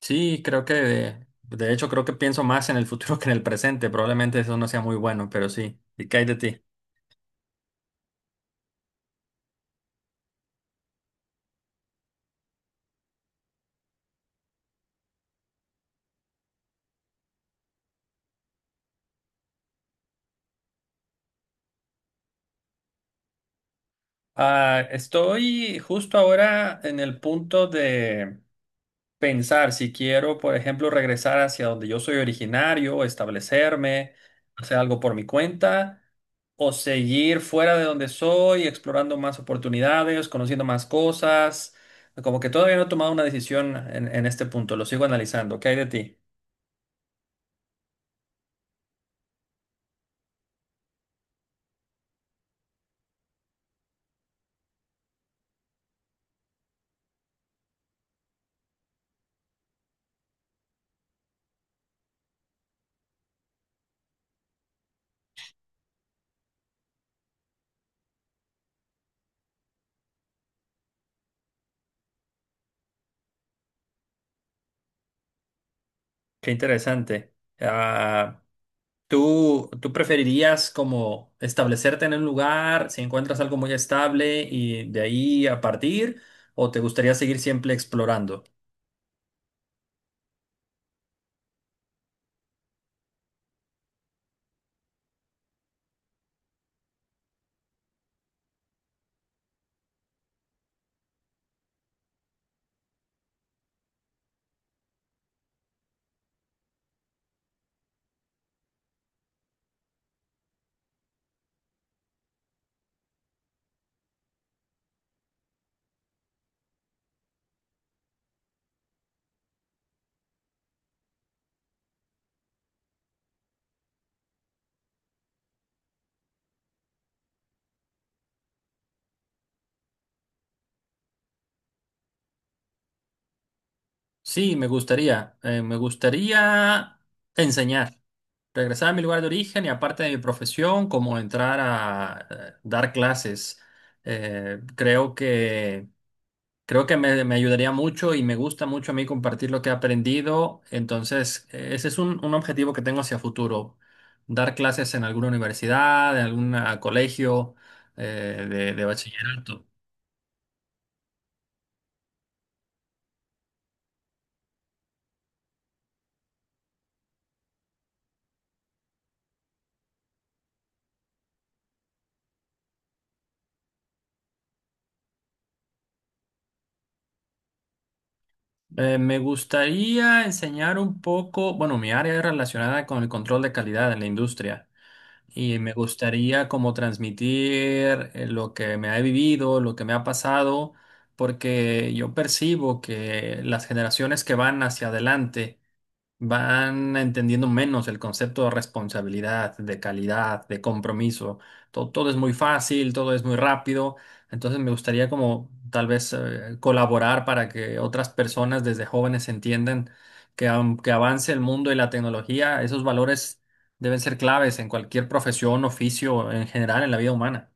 Sí, creo que de hecho creo que pienso más en el futuro que en el presente. Probablemente eso no sea muy bueno, pero sí. ¿Y qué hay de ti? Estoy justo ahora en el punto de pensar si quiero, por ejemplo, regresar hacia donde yo soy originario, establecerme, hacer algo por mi cuenta, o seguir fuera de donde soy, explorando más oportunidades, conociendo más cosas. Como que todavía no he tomado una decisión en este punto, lo sigo analizando. ¿Qué hay de ti? Qué interesante. Ah, ¿tú preferirías como establecerte en un lugar si encuentras algo muy estable y de ahí a partir? ¿O te gustaría seguir siempre explorando? Sí, me gustaría. Me gustaría enseñar, regresar a mi lugar de origen y aparte de mi profesión, como entrar a dar clases. Creo que... Creo que me ayudaría mucho y me gusta mucho a mí compartir lo que he aprendido. Entonces, ese es un objetivo que tengo hacia futuro. Dar clases en alguna universidad, en algún colegio de bachillerato. Me gustaría enseñar un poco, bueno, mi área es relacionada con el control de calidad en la industria y me gustaría como transmitir lo que me ha vivido, lo que me ha pasado, porque yo percibo que las generaciones que van hacia adelante, van entendiendo menos el concepto de responsabilidad, de calidad, de compromiso. Todo es muy fácil, todo es muy rápido. Entonces me gustaría como tal vez colaborar para que otras personas desde jóvenes entiendan que aunque avance el mundo y la tecnología, esos valores deben ser claves en cualquier profesión, oficio, en general en la vida humana.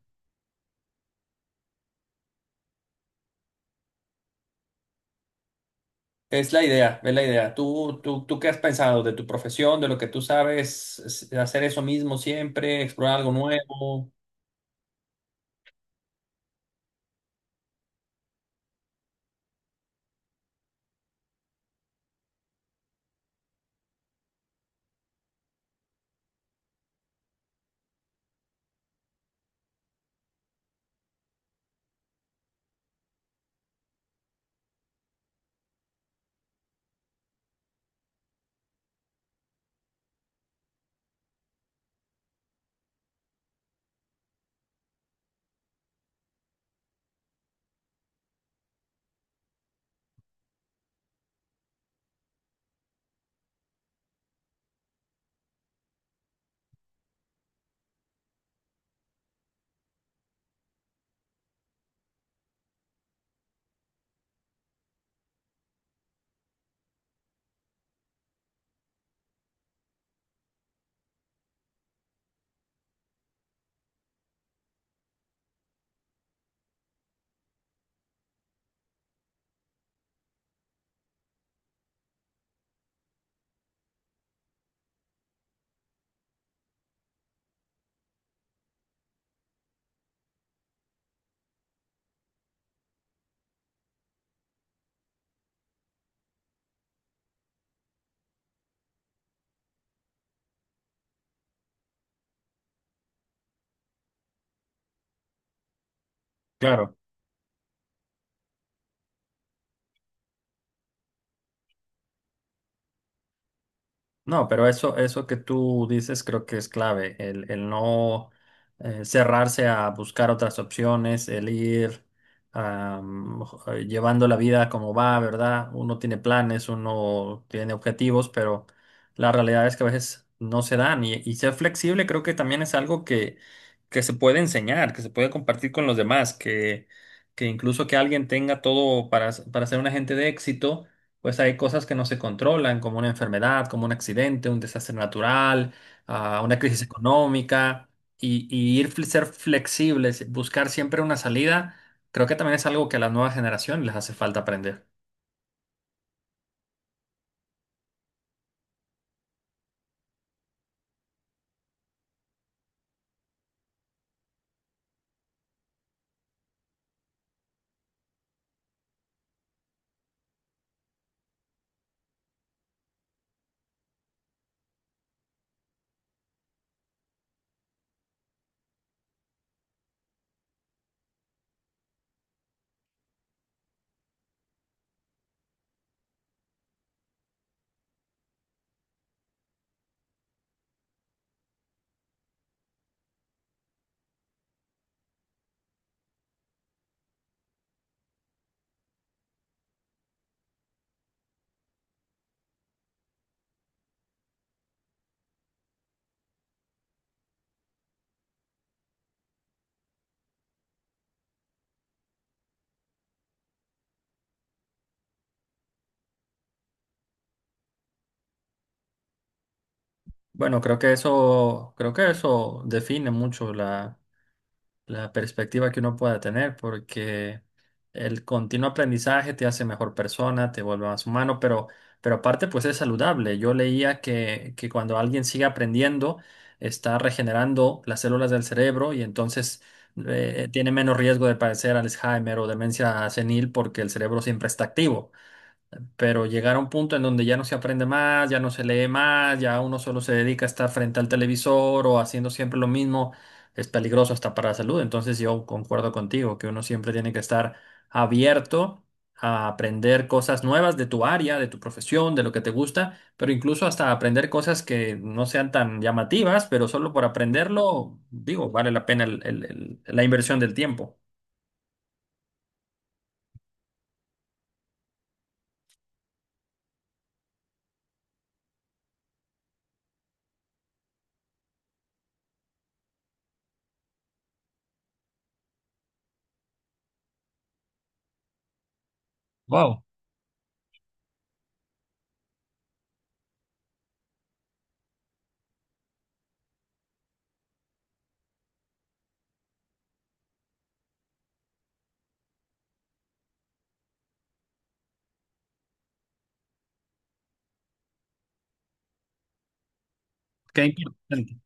Es la idea, es la idea. ¿Tú qué has pensado de tu profesión, de lo que tú sabes, hacer eso mismo siempre, explorar algo nuevo? Claro, no, pero eso que tú dices creo que es clave, el no cerrarse a buscar otras opciones, el ir am, llevando la vida como va, ¿verdad? Uno tiene planes, uno tiene objetivos, pero la realidad es que a veces no se dan y ser flexible creo que también es algo que se puede enseñar, que se puede compartir con los demás, que incluso que alguien tenga todo para ser un agente de éxito pues hay cosas que no se controlan, como una enfermedad, como un accidente, un desastre natural, una crisis económica, y ir ser flexibles, buscar siempre una salida, creo que también es algo que a las nuevas generaciones les hace falta aprender. Bueno, creo que eso define mucho la perspectiva que uno pueda tener, porque el continuo aprendizaje te hace mejor persona, te vuelve más humano, pero aparte pues es saludable. Yo leía que cuando alguien sigue aprendiendo, está regenerando las células del cerebro y entonces tiene menos riesgo de padecer Alzheimer o demencia senil porque el cerebro siempre está activo, pero llegar a un punto en donde ya no se aprende más, ya no se lee más, ya uno solo se dedica a estar frente al televisor o haciendo siempre lo mismo, es peligroso hasta para la salud. Entonces yo concuerdo contigo que uno siempre tiene que estar abierto a aprender cosas nuevas de tu área, de tu profesión, de lo que te gusta, pero incluso hasta aprender cosas que no sean tan llamativas, pero solo por aprenderlo, digo, vale la pena la inversión del tiempo. Wow, qué importante.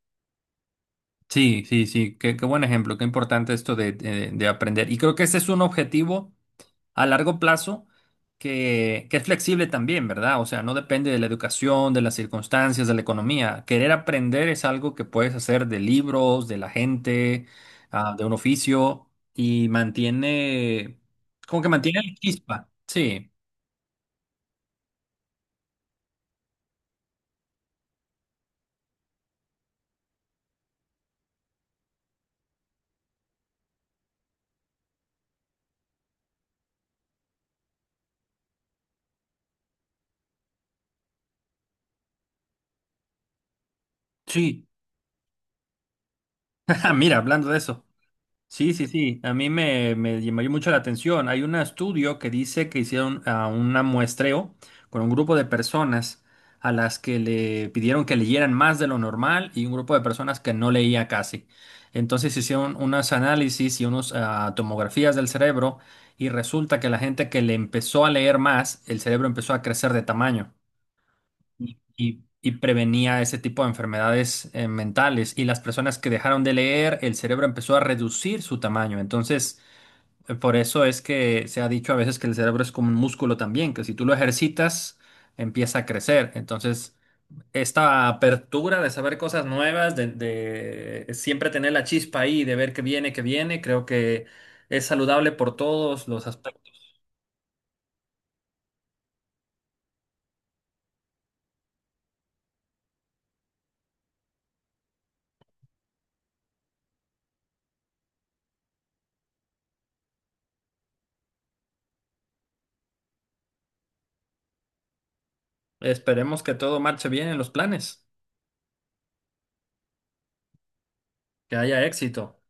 Sí, sí, sí, qué, qué buen ejemplo, qué importante esto de, de aprender. Y creo que ese es un objetivo a largo plazo que es flexible también, ¿verdad? O sea, no depende de la educación, de las circunstancias, de la economía. Querer aprender es algo que puedes hacer de libros, de la gente, de un oficio y mantiene, como que mantiene la chispa. Sí, sí. Mira, hablando de eso. Sí, sí, sí. A mí me, me llamó mucho la atención. Hay un estudio que dice que hicieron un muestreo con un grupo de personas a las que le pidieron que leyeran más de lo normal y un grupo de personas que no leía casi. Entonces hicieron unos análisis y unas tomografías del cerebro y resulta que la gente que le empezó a leer más, el cerebro empezó a crecer de tamaño y prevenía ese tipo de enfermedades mentales. Y las personas que dejaron de leer, el cerebro empezó a reducir su tamaño. Entonces, por eso es que se ha dicho a veces que el cerebro es como un músculo también, que si tú lo ejercitas, empieza a crecer. Entonces, esta apertura de saber cosas nuevas, de siempre tener la chispa ahí, de ver qué viene, creo que es saludable por todos los aspectos. Esperemos que todo marche bien en los planes, que haya éxito.